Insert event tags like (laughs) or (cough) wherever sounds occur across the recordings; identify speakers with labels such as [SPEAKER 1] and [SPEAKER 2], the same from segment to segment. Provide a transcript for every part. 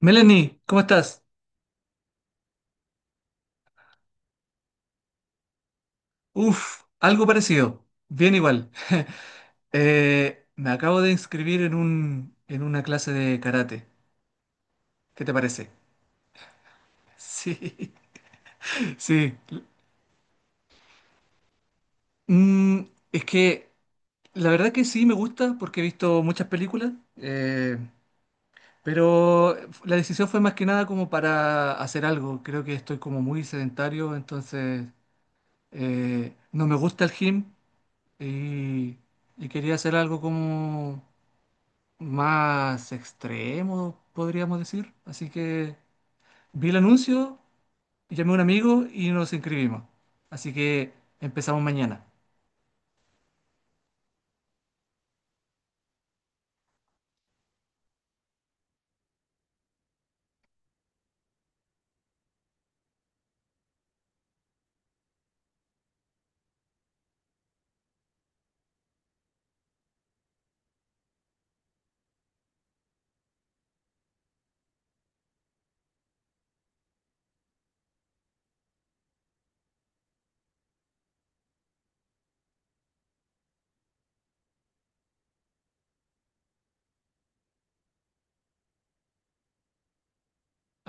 [SPEAKER 1] Melanie, ¿cómo estás? Uf, algo parecido, bien igual. (laughs) Me acabo de inscribir en una clase de karate. ¿Qué te parece? Sí, (laughs) sí. Mm, es que la verdad que sí me gusta porque he visto muchas películas, pero la decisión fue más que nada como para hacer algo. Creo que estoy como muy sedentario, entonces no me gusta el gym y, y quería hacer algo como más extremo, podríamos decir. Así que vi el anuncio, llamé a un amigo y nos inscribimos. Así que empezamos mañana.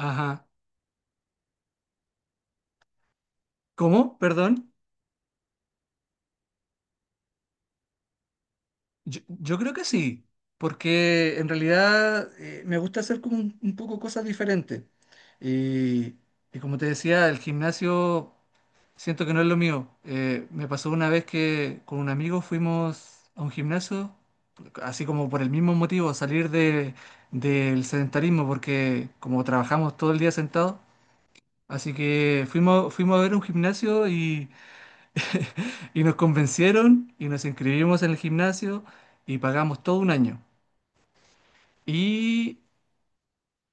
[SPEAKER 1] Ajá. ¿Cómo? Perdón. Yo creo que sí, porque en realidad me gusta hacer como un poco cosas diferentes. Y, y como te decía, el gimnasio siento que no es lo mío. Me pasó una vez que con un amigo fuimos a un gimnasio, así como por el mismo motivo, salir del sedentarismo, porque como trabajamos todo el día sentados, así que fuimos a ver un gimnasio. (laughs) Y nos convencieron y nos inscribimos en el gimnasio y pagamos todo un año. Y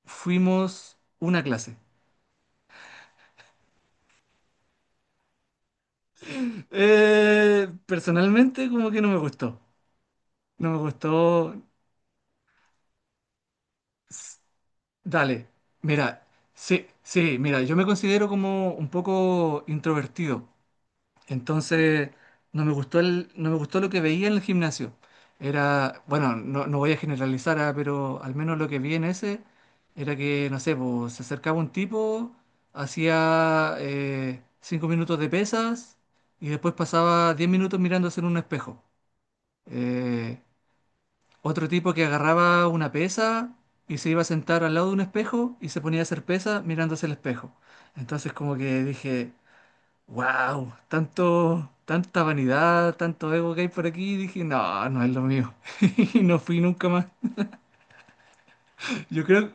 [SPEAKER 1] fuimos una clase. Personalmente como que no me gustó. No me gustó. S- Dale, mira, sí, sí, mira, yo me considero como un poco introvertido. Entonces, no me gustó no me gustó lo que veía en el gimnasio. Era, bueno, no, no voy a generalizar, ah, pero al menos lo que vi en ese era que, no sé, pues, se acercaba un tipo, hacía 5 minutos de pesas y después pasaba 10 minutos mirándose en un espejo. Eh, Otro tipo que agarraba una pesa y se iba a sentar al lado de un espejo y se ponía a hacer pesa mirándose el espejo. Entonces, como que dije: Wow, tanto, tanta vanidad, tanto ego que hay por aquí, dije, no, no es lo mío. (laughs) Y no fui nunca más. Yo creo,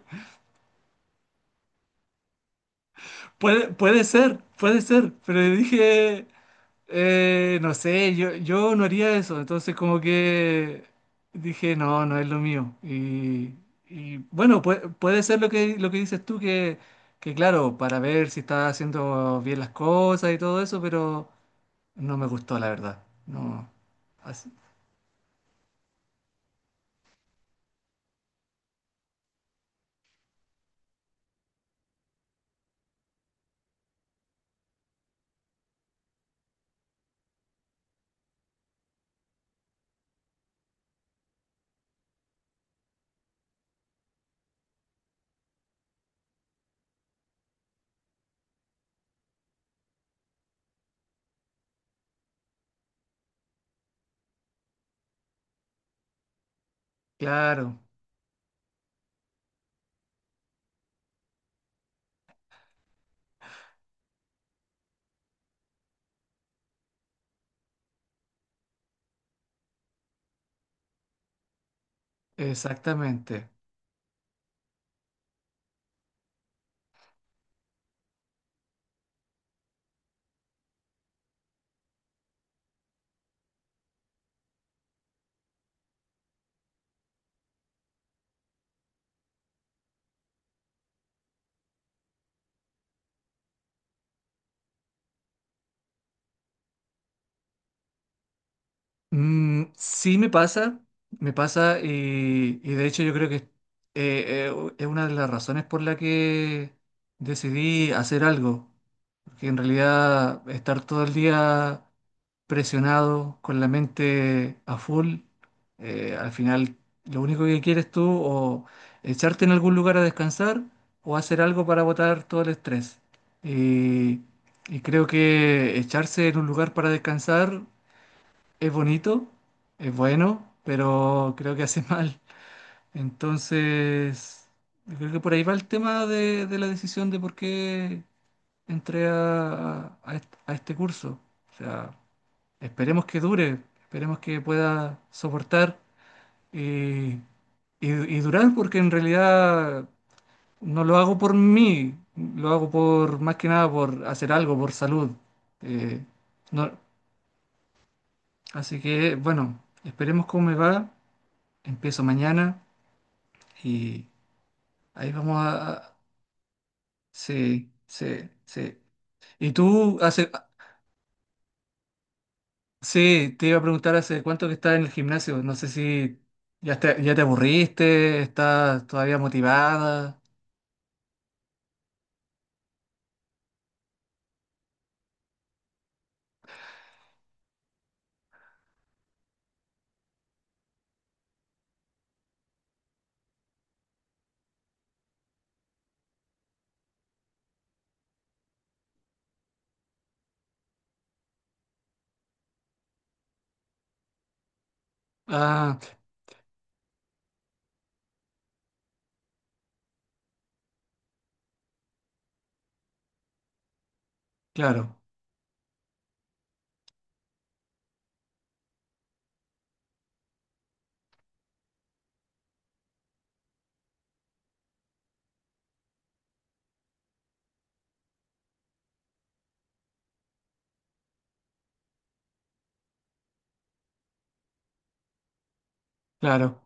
[SPEAKER 1] puede ser, pero dije, no sé, yo no haría eso. Entonces como que dije, no, no es lo mío. Y bueno, puede ser lo que dices tú, que claro, para ver si está haciendo bien las cosas y todo eso, pero no me gustó, la verdad. No, así, claro. Exactamente. Mm, sí me pasa y de hecho yo creo que es una de las razones por la que decidí hacer algo, porque en realidad estar todo el día presionado con la mente a full, al final lo único que quieres tú o echarte en algún lugar a descansar o hacer algo para botar todo el estrés. Y, y creo que echarse en un lugar para descansar es bonito, es bueno, pero creo que hace (laughs) mal. Entonces, yo creo que por ahí va el tema de la decisión de por qué entré a este curso. O sea, esperemos que dure, esperemos que pueda soportar y, y- y durar, porque en realidad no lo hago por mí, lo hago por más que nada por hacer algo, por salud. Eh, no- Así que, bueno, esperemos cómo me va. Empiezo mañana y ahí vamos a... Sí, sí, sí. Y tú hace... Sí, te iba a preguntar hace cuánto que estás en el gimnasio. No sé si ya te aburriste, estás todavía motivada. Ah, claro, claro.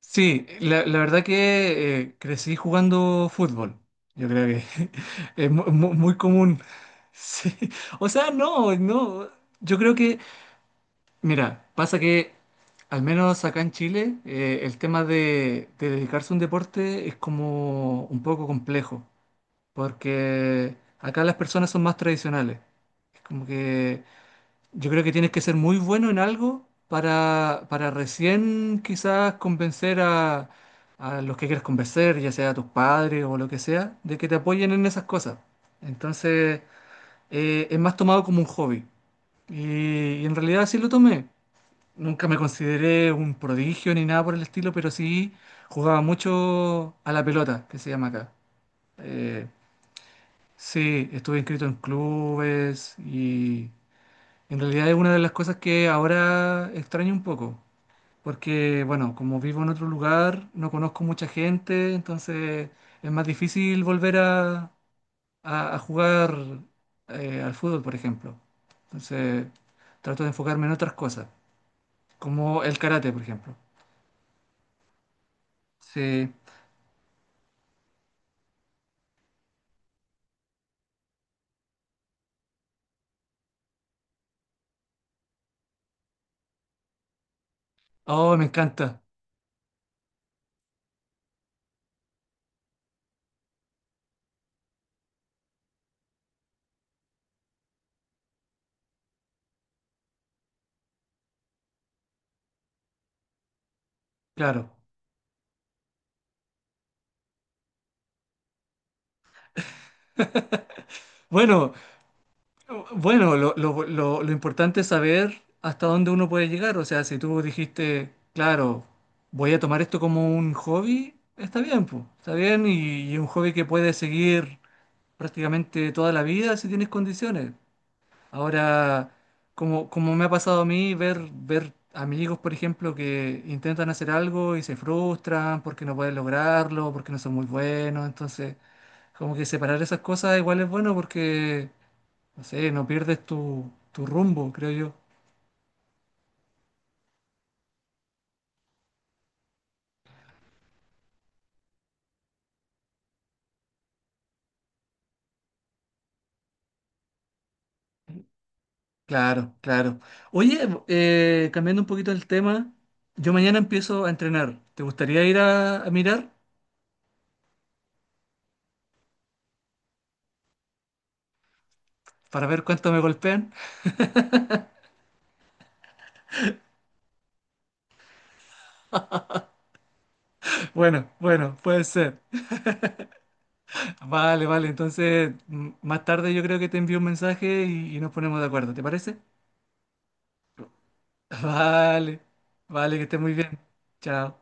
[SPEAKER 1] Sí, la verdad que crecí jugando fútbol. Yo creo que (laughs) es muy común. (laughs) Sí. O sea, no, no. Yo creo que... Mira, pasa que al menos acá en Chile el tema de dedicarse a un deporte es como un poco complejo, porque acá las personas son más tradicionales. Es como que yo creo que tienes que ser muy bueno en algo para recién quizás convencer a los que quieres convencer, ya sea a tus padres o lo que sea, de que te apoyen en esas cosas. Entonces es más tomado como un hobby. Y en realidad sí lo tomé. Nunca me consideré un prodigio ni nada por el estilo, pero sí jugaba mucho a la pelota, que se llama acá. Eh, sí, estuve inscrito en clubes y en realidad es una de las cosas que ahora extraño un poco, porque bueno, como vivo en otro lugar, no conozco mucha gente, entonces es más difícil volver a jugar al fútbol, por ejemplo. Entonces trato de enfocarme en otras cosas, como el karate, por ejemplo. Sí. Oh, me encanta, claro. Bueno, bueno, lo importante es saber hasta dónde uno puede llegar. O sea, si tú dijiste, claro, voy a tomar esto como un hobby, está bien, pues, está bien y un hobby que puedes seguir prácticamente toda la vida si tienes condiciones. Ahora, como me ha pasado a mí, ver amigos, por ejemplo, que intentan hacer algo y se frustran porque no pueden lograrlo, porque no son muy buenos, entonces... Como que separar esas cosas igual es bueno porque, no sé, no pierdes tu rumbo, creo yo. Claro, claro. Oye, cambiando un poquito el tema, yo mañana empiezo a entrenar. ¿Te gustaría ir a mirar para ver cuánto me golpean? (laughs) Bueno, bueno, puede ser. Vale, vale. Entonces, más tarde yo creo que te envío un mensaje y nos ponemos de acuerdo. ¿Te parece? (laughs) Vale, vale, que estés muy bien. Chao.